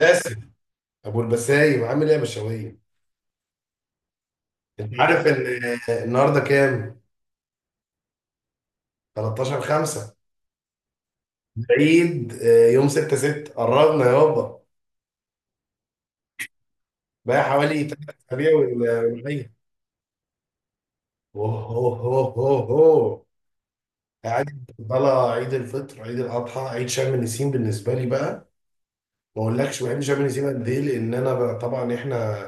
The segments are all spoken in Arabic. باسم. ابو البسايم عامل ايه يا بشوية؟ انت عارف ان النهارده كام؟ 13 5 العيد، يوم 6 6. قربنا يابا. بقى حوالي 3 اسابيع والعيد. اوه اوه اوه اوه اوه. قاعد طالع عيد الفطر، عيد الاضحى، عيد شم النسيم. بالنسبه لي بقى، ما اقولكش بحب شم النسيم قد ايه، لان انا بقى طبعا احنا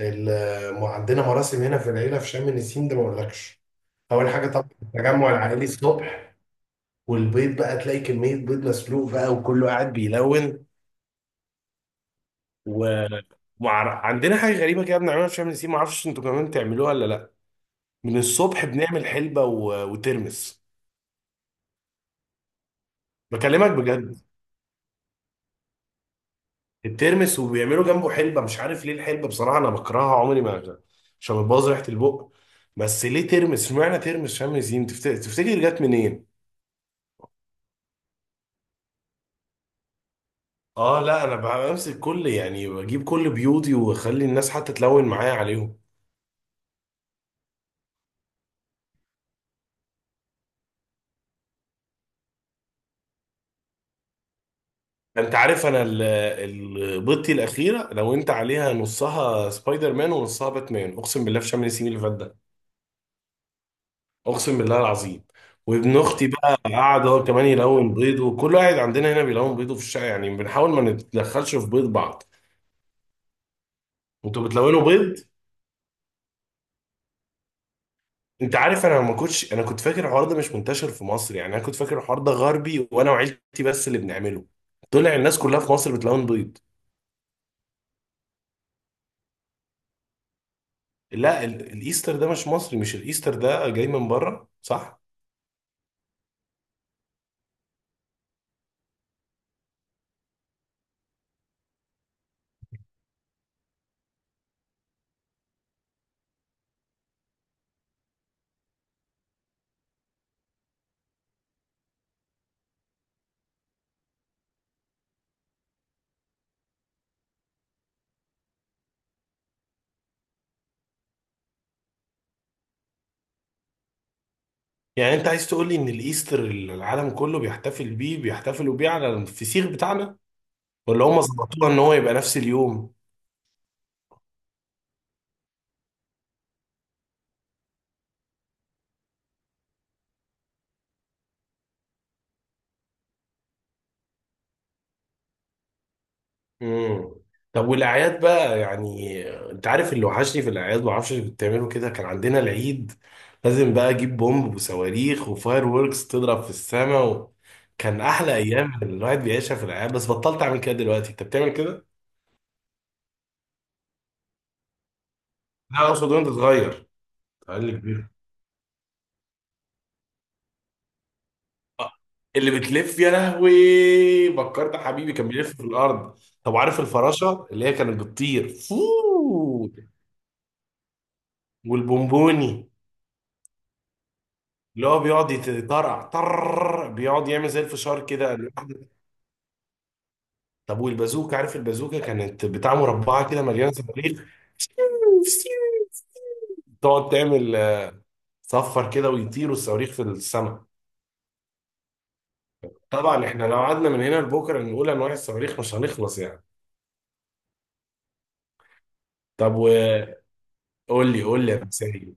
عندنا مراسم هنا في العيله في شم النسيم ده، ما اقولكش. اول حاجه طبعا التجمع العائلي الصبح، والبيض بقى تلاقي كمية بيض مسلوق بقى وكله قاعد بيلون. و عندنا حاجة غريبة كده بنعملها في شم النسيم، معرفش انتوا كمان بتعملوها ولا لا. من الصبح بنعمل حلبة وترمس. بكلمك بجد، الترمس وبيعملوا جنبه حلبة. مش عارف ليه الحلبة، بصراحة انا بكرهها عمري ما. عشان بتبوظ ريحة البق. بس ليه ترمس؟ اشمعنى ترمس شم النسيم؟ تفتكر جت منين؟ اه لا، انا بمسك كل يعني بجيب كل بيوضي واخلي الناس حتى تلون معايا عليهم. انت عارف انا ال- البطي الاخيره لو انت عليها نصها سبايدر مان ونصها باتمان، اقسم بالله في شم النسيم اللي فات ده. اقسم بالله العظيم. وابن اختي بقى قاعد هو كمان يلون بيضه. كل واحد عندنا هنا بيلون بيضه في الشقه يعني، بنحاول ما نتدخلش في بيض بعض. انتوا بتلونوا بيض؟ انت عارف انا ما كنتش، انا كنت فاكر الحوار ده مش منتشر في مصر، يعني انا كنت فاكر الحوار ده غربي وانا وعيلتي بس اللي بنعمله. طلع الناس كلها في مصر بتلون بيض. لا الايستر ده مش مصري، مش الايستر ده جاي من بره صح؟ يعني انت عايز تقول لي ان الايستر اللي العالم كله بيحتفل بيه بيحتفلوا بيه على الفسيخ بتاعنا؟ ولا هم ظبطوها ان هو يبقى نفس اليوم؟ امم طب والاعياد بقى يعني. انت عارف اللي وحشني في الاعياد، ما اعرفش بتعملوا كده، كان عندنا العيد لازم بقى اجيب بومب وصواريخ وفاير ووركس تضرب في السماء كان احلى ايام الواحد بيعيشها في الاعياد. بس بطلت اعمل كده دلوقتي، انت بتعمل كده؟ لا اقصد وانت صغير. اقل كبير. آه، اللي بتلف يا لهوي. فكرت يا حبيبي كان بيلف في الارض. طب عارف الفراشه اللي هي كانت بتطير فووو؟ والبونبوني، اللي هو بيقعد يتطرقع بيقعد يعمل زي الفشار كده. طب والبازوكه؟ عارف البازوكه كانت بتاع مربعه كده مليانه صواريخ. تقعد تعمل صفر كده ويطيروا الصواريخ في السماء. طبعا احنا لو قعدنا من هنا لبكره نقول انواع الصواريخ مش هنخلص يعني. طب وقول لي، قول لي يا مسائي.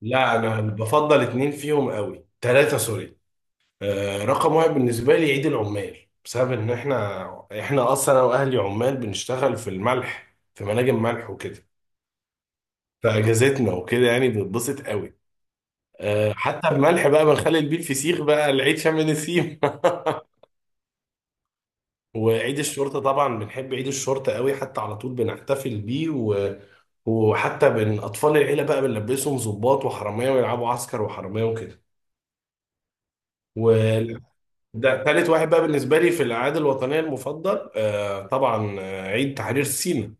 لا انا بفضل اتنين فيهم قوي، تلاتة سوري. آه رقم واحد بالنسبة لي عيد العمال، بسبب ان احنا اصلا انا واهلي عمال بنشتغل في الملح في مناجم ملح وكده. فاجازتنا وكده يعني بنتبسط قوي. آه حتى الملح بقى بنخلي بيه الفسيخ بقى العيد شم نسيم. وعيد الشرطة طبعا بنحب عيد الشرطة قوي، حتى على طول بنحتفل بيه وحتى بين أطفال العيلة بقى بنلبسهم ضباط وحرامية ويلعبوا عسكر وحرامية وكده. وال- ده تالت واحد بقى بالنسبة لي في الأعياد الوطنية المفضل، طبعا، عيد تحرير سيناء.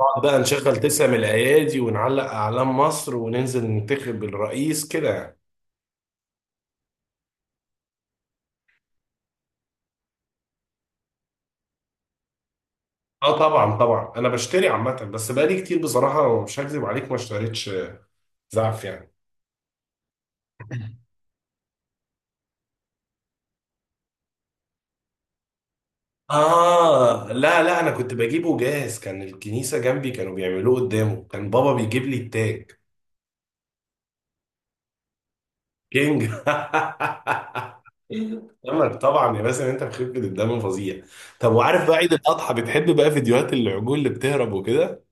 نقعد بقى نشغل تسع من الأيادي ونعلق أعلام مصر وننزل ننتخب الرئيس كده يعني. اه طبعا طبعا، أنا بشتري عامة بس بقالي كتير بصراحة مش هكذب عليك ما اشتريتش زعف يعني. آه لا لا، أنا كنت بجيبه جاهز. كان الكنيسة جنبي كانوا بيعملوه قدامه، كان بابا بيجيب لي التاج. كينج. عمر طبعا يا باسم، انت مخيف من الدم فظيع. طب وعارف بقى عيد الاضحى، بتحب بقى فيديوهات العجول اللي بتهرب وكده؟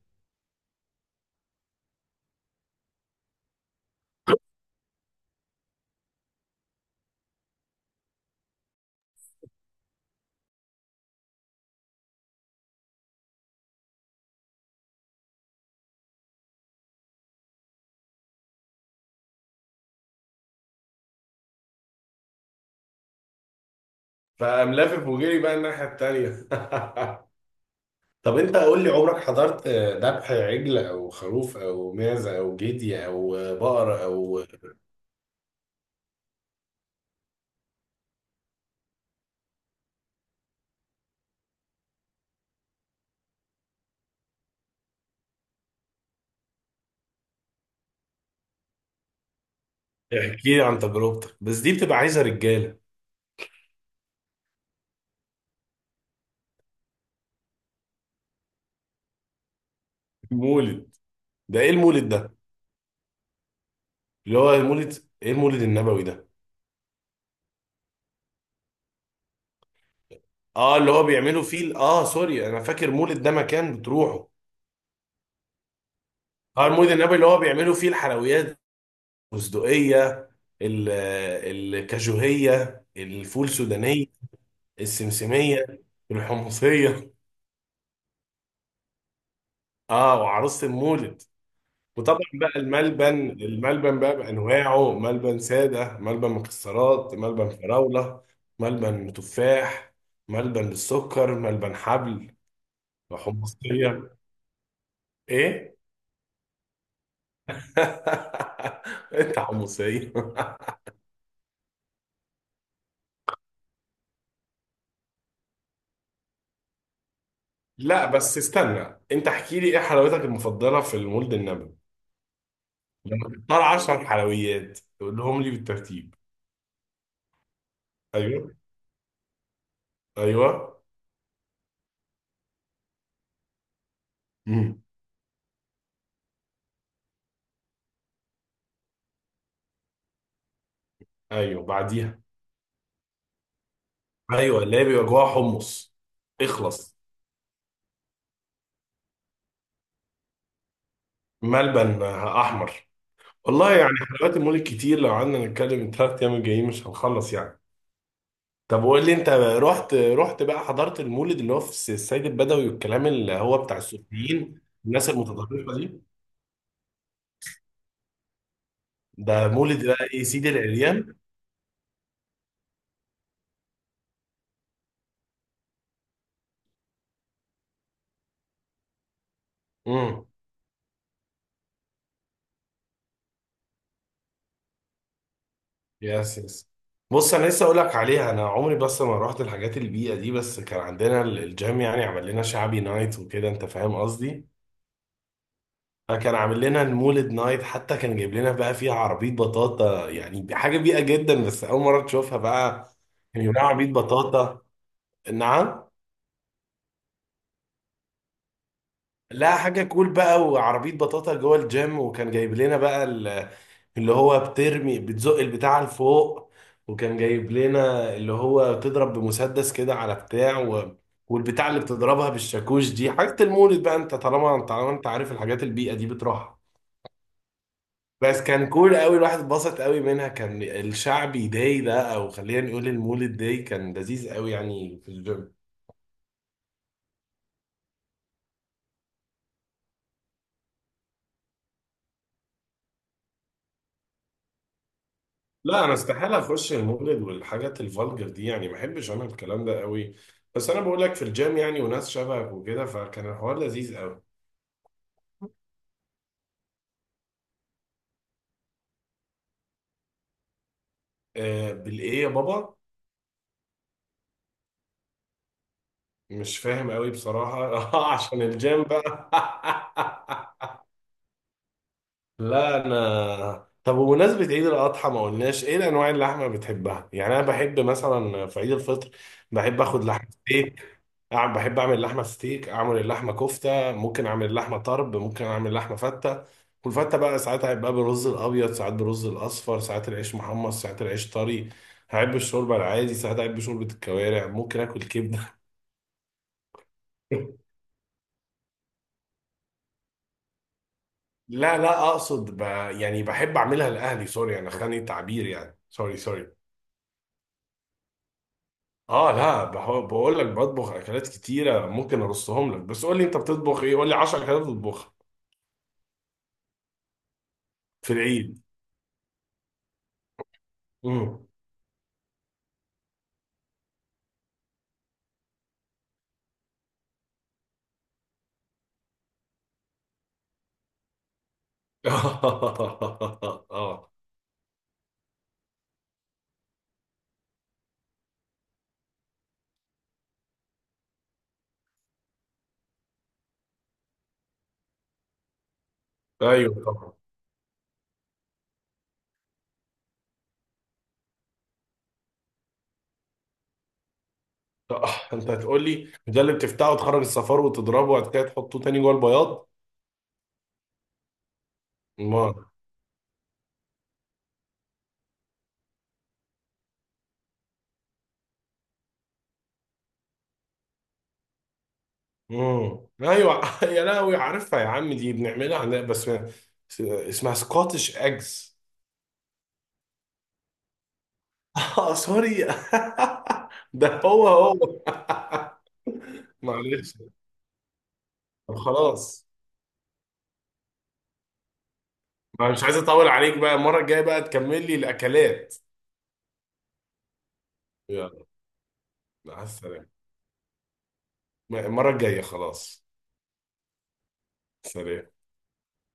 فقام لافف وجري بقى الناحيه التانيه. طب انت قول لي، عمرك حضرت ذبح عجل او خروف او معزه او جدي او بقر او؟ احكي لي عن تجربتك، بس دي بتبقى عايزه رجاله. مولد. ده ايه المولد ده؟ اللي هو المولد، ايه المولد النبوي ده؟ اه اللي هو بيعملوا فيه سوري، انا فاكر مولد ده مكان بتروحه. اه المولد النبوي اللي هو بيعملوا فيه الحلويات. البندقية، ال- الكاجوهية، الفول السودانية، السمسمية، الحمصية. اه وعروسة المولد. وطبعا بقى الملبن، الملبن بقى بأنواعه: ملبن سادة، ملبن مكسرات، ملبن فراولة، ملبن تفاح، ملبن بالسكر، ملبن حبل. حمصية، ايه. انت حمصية. لا بس استنى، انت احكي لي ايه حلاوتك المفضلة في المولد النبوي. لما تختار 10 حلويات تقولهم لي بالترتيب. ايوه ايوه. امم. ايوه بعديها. ايوه اللي هي بيبقى جواها حمص. اخلص. ملبن احمر. والله يعني، حلويات المولد كتير لو قعدنا نتكلم الثلاث ايام الجايين مش هنخلص يعني. طب قول لي، انت رحت بقى حضرت المولد اللي هو في السيد البدوي والكلام اللي هو بتاع السوريين الناس المتطرفه دي؟ ده مولد بقى ايه سيدي العريان. امم. يس يس. بص انا لسه اقول لك عليها، انا عمري بس ما رحت الحاجات البيئه دي، بس كان عندنا الجيم يعني عمل لنا شعبي نايت وكده، انت فاهم قصدي. فكان عامل لنا المولد نايت، حتى كان جايب لنا بقى فيها عربيه بطاطا يعني حاجه بيئه جدا بس اول مره تشوفها بقى. كان يبقى عربيه بطاطا. نعم. لا حاجة كول بقى وعربية بطاطا جوه الجيم، وكان جايب لنا بقى اللي هو بترمي بتزق البتاع لفوق. وكان جايب لنا اللي هو بتضرب بمسدس كده على بتاع والبتاع اللي بتضربها بالشاكوش دي حاجة المولد بقى. انت طالما انت عارف الحاجات البيئة دي بتروحها. بس كان كول قوي، الواحد اتبسط قوي منها. كان الشعبي داي ده او خلينا نقول المولد داي كان لذيذ قوي يعني في الجيم. لا انا استحاله اخش المولد والحاجات الفالجر دي يعني، ما بحبش انا الكلام ده قوي. بس انا بقول لك في الجيم يعني وناس شبهك وكده، فكان الحوار لذيذ قوي. بالايه يا بابا؟ مش فاهم قوي بصراحه. اه عشان الجيم بقى. لا انا. طب وبمناسبه عيد الاضحى ما قلناش ايه الانواع اللحمه بتحبها يعني، انا بحب مثلا في عيد الفطر بحب اخد لحمه ستيك. أعمل لحمة ستيك، أعمل اللحمة كفتة، ممكن أعمل اللحمة طرب، ممكن أعمل لحمة فتة. والفتة بقى ساعات هيبقى بالرز الأبيض، ساعات بالرز الأصفر، ساعات العيش محمص، ساعات العيش طري. هحب الشوربة العادي، ساعات أحب شوربة الكوارع، ممكن آكل كبدة. لا لا، أقصد يعني بحب أعملها لأهلي. سوري، أنا خاني التعبير، يعني سوري سوري. اه لا، بقول لك بطبخ اكلات كتيره، ممكن ارصهم لك، بس قول لي انت بتطبخ ايه؟ قول لي 10 اكلات بتطبخها. في العيد. امم. اه ايوه طبعا. طب انت هتقول لي ده اللي بتفتحه وتخرج الصفار وتضربه وبعد كده تحطه تاني جوه البياض؟ ما. ايوه، يا لهوي عارفها يا عم، دي بنعملها عندنا بس اسمها سكوتش اجز. اه سوري. ده هو هو. معلش. طب خلاص. ما مش عايز اطول عليك بقى، المره الجايه بقى تكمل لي الاكلات. يلا. مع السلامه. المره الجايه خلاص. سلام.